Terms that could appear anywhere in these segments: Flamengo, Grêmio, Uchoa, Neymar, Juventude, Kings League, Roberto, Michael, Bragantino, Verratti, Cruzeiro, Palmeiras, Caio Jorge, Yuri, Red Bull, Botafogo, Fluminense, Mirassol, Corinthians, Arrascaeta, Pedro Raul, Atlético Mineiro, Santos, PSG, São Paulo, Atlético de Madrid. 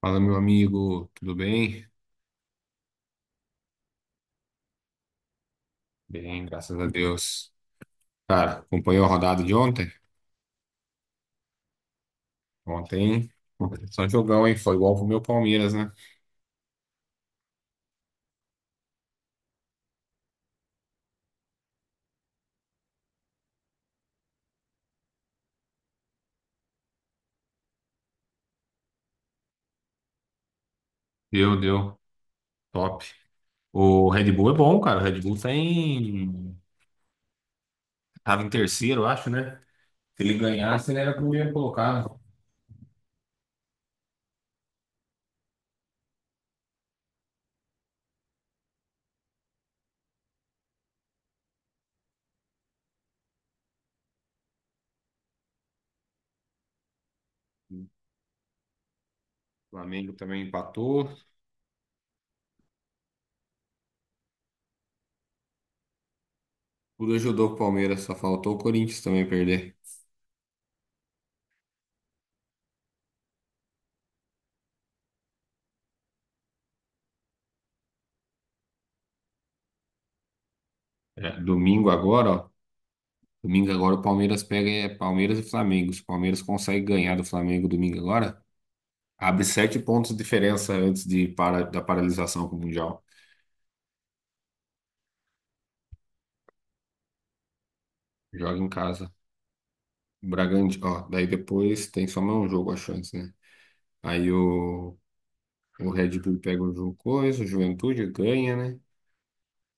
Fala, meu amigo, tudo bem? Bem, graças a Deus. Cara, acompanhou a rodada de ontem? Ontem, só um jogão, hein? Foi igual pro meu Palmeiras, né? Deu, deu. Top. O Red Bull é bom, cara. O Red Bull tá em... Tava em terceiro, eu acho, né? Se ele ganhasse, ele era primeiro colocado. O Flamengo também empatou. Tudo ajudou o Palmeiras, só faltou o Corinthians também perder. É, domingo agora, ó. Domingo agora o Palmeiras pega é, Palmeiras e Flamengo. Se o Palmeiras consegue ganhar do Flamengo domingo agora, abre sete pontos de diferença antes da paralisação com o Mundial. Joga em casa. Bragantino, ó, daí depois tem só mais um jogo a chance, né? Aí o Red Bull pega o Juventude ganha, né?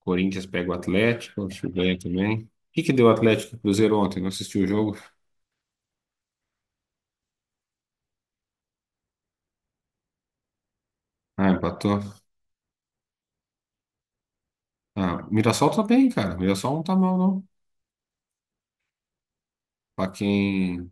Corinthians pega o Atlético, acho que ganha também. O que que deu o Atlético e Cruzeiro ontem? Não assistiu o jogo? Ah, empatou. Ah, o Mirassol tá bem, cara. O Mirassol não tá mal, não. Pra quem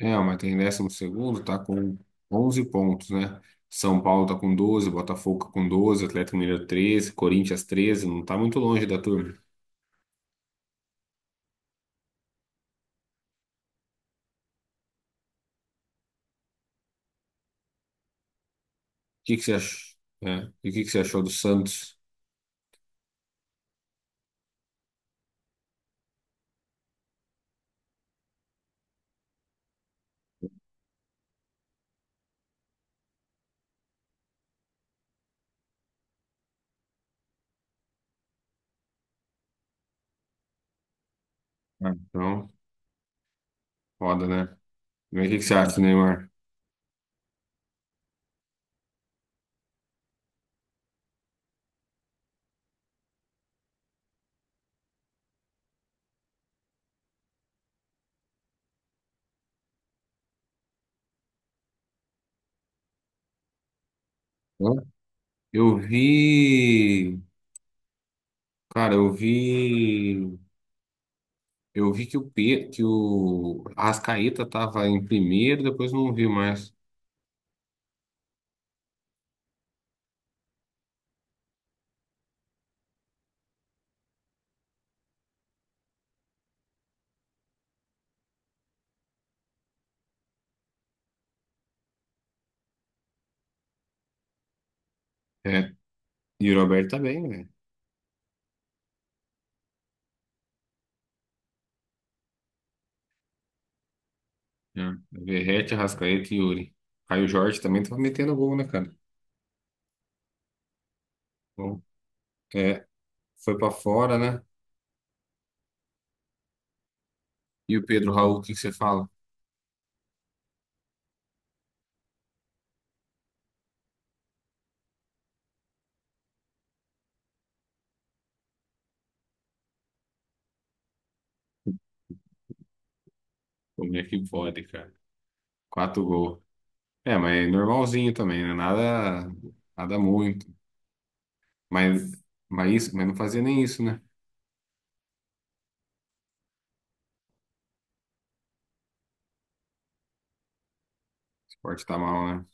é, o Maitá em 12º tá com 11 pontos, né? São Paulo tá com 12, Botafogo tá com 12, Atlético Mineiro 13, Corinthians 13. Não está muito longe da turma. O que que você achou? E o que que você achou do Santos? Ah, então, foda, né? Mas o que que você acha, Neymar? Hã? Eu vi, cara, eu vi que o Arrascaeta tava em primeiro, depois não vi mais. É, e o Roberto tá bem, velho. Né? Verratti, Arrascaeta e Yuri. Caio Jorge também tava metendo gol, né, cara? Bom, é, foi pra fora, né? E o Pedro Raul, o que que você fala? Como é que pode, cara? Quatro gols. É, mas é normalzinho também, né? Nada, nada muito. Mas, mas isso, mas não fazia nem isso, né? O esporte tá mal, né?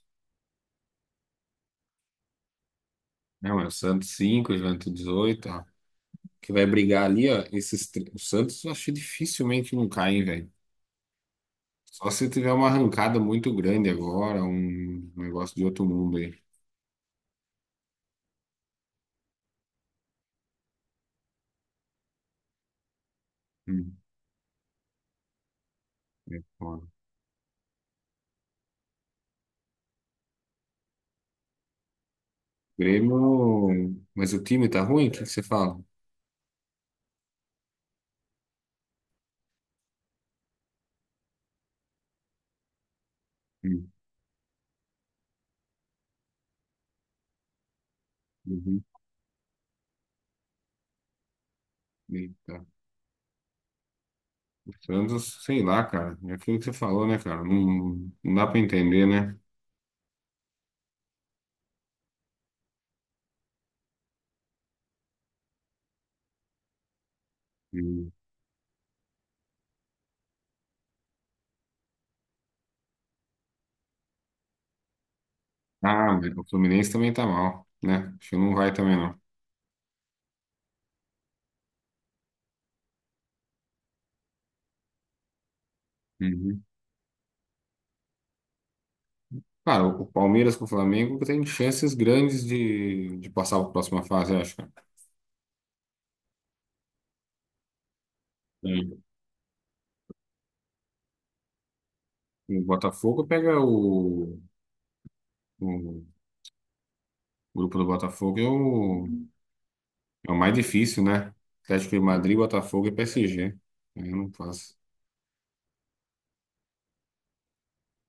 Não, é o Santos 5, o Juventude 18. Ó. Que vai brigar ali, ó. Esses, o Santos eu acho que dificilmente não cai, hein, velho. Só se tiver uma arrancada muito grande agora, um negócio de outro mundo aí. Hum. É foda. Grêmio. Mas o time tá ruim? O que que você fala? Hum. Uhum. Eita. Santos, sei lá, cara. É aquilo que você falou, né, cara? Não, não dá pra entender, né? Hum. Ah, mas o Fluminense também tá mal, né? Acho que não vai também, não. Uhum. Cara, o Palmeiras com o Flamengo tem chances grandes de passar para a próxima fase, eu acho, cara. Sim. O Botafogo pega o grupo do Botafogo É o mais difícil, né? Atlético de Madrid, Botafogo e PSG. Eu não faço.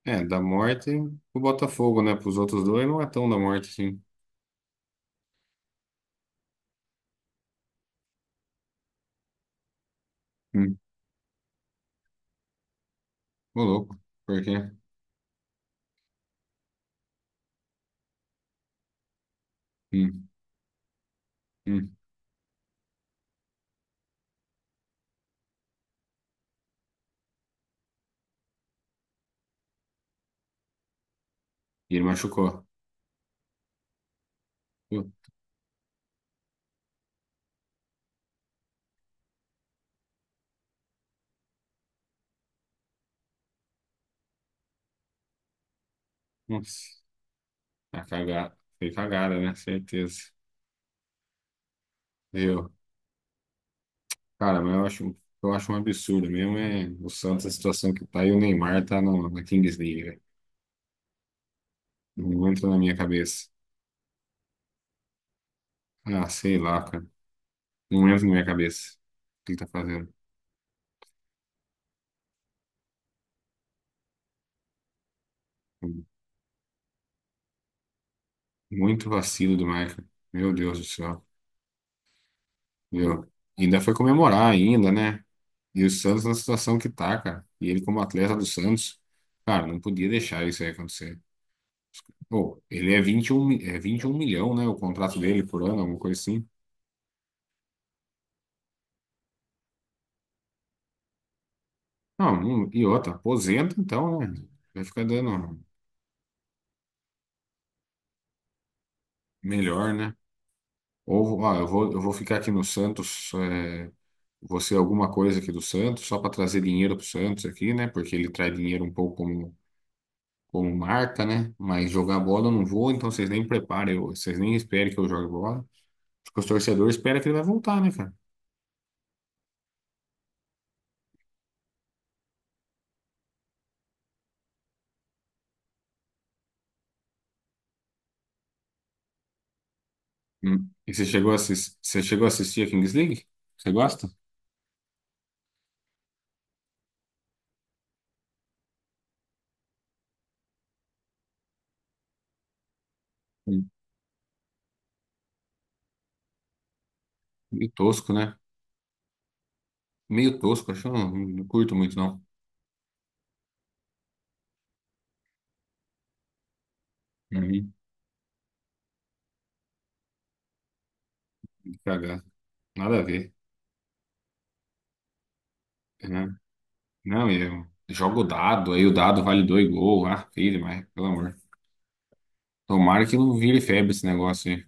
É, da morte, o Botafogo, né? Para os outros dois não é tão da morte assim. Hum. Ô, louco. Por quê? Hum, hum. E ele machucou. Uh, Nossa. Tá cagada. Foi cagada, né? Certeza. Viu? Cara, mas eu acho um absurdo mesmo. É o Santos, a situação que tá e o Neymar tá no, na Kings League, velho. Não entra na minha cabeça. Ah, sei lá, cara. Não entra na minha cabeça. O que ele tá fazendo? Muito vacilo do Michael. Meu Deus do céu. Meu. Ainda foi comemorar ainda, né? E o Santos na situação que tá, cara. E ele como atleta do Santos, cara, não podia deixar isso aí acontecer. Pô, ele é 21, é 21 milhão, né? O contrato dele por ano, alguma coisa assim. Não, não- e outra, aposenta então, né? Vai ficar dando melhor, né? Ou, ó, eu vou ficar aqui no Santos, é, você alguma coisa aqui do Santos, só para trazer dinheiro pro Santos aqui, né? Porque ele traz dinheiro um pouco como marca, né? Mas jogar bola eu não vou, então vocês nem preparem, vocês nem esperem que eu jogue bola. Porque os torcedores esperam que ele vai voltar, né, cara? Hum. E você chegou a assistir, você chegou a assistir a Kings League? Você gosta? Hum. Meio tosco, né? Meio tosco, acho que eu não, não curto muito, não. Uhum. Cagar. Nada a ver. Né? Não, eu jogo o dado, aí o dado vale dois gols. Ah, filho, demais, pelo amor. Tomara que não vire febre esse negócio aí.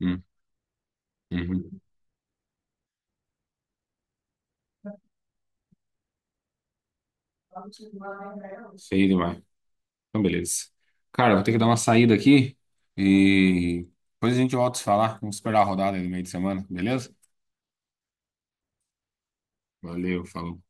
Hum. Uhum. Feio demais. Então, beleza. Cara, vou ter que dar uma saída aqui e depois a gente volta a se falar. Vamos esperar a rodada aí no meio de semana, beleza? Valeu, falou.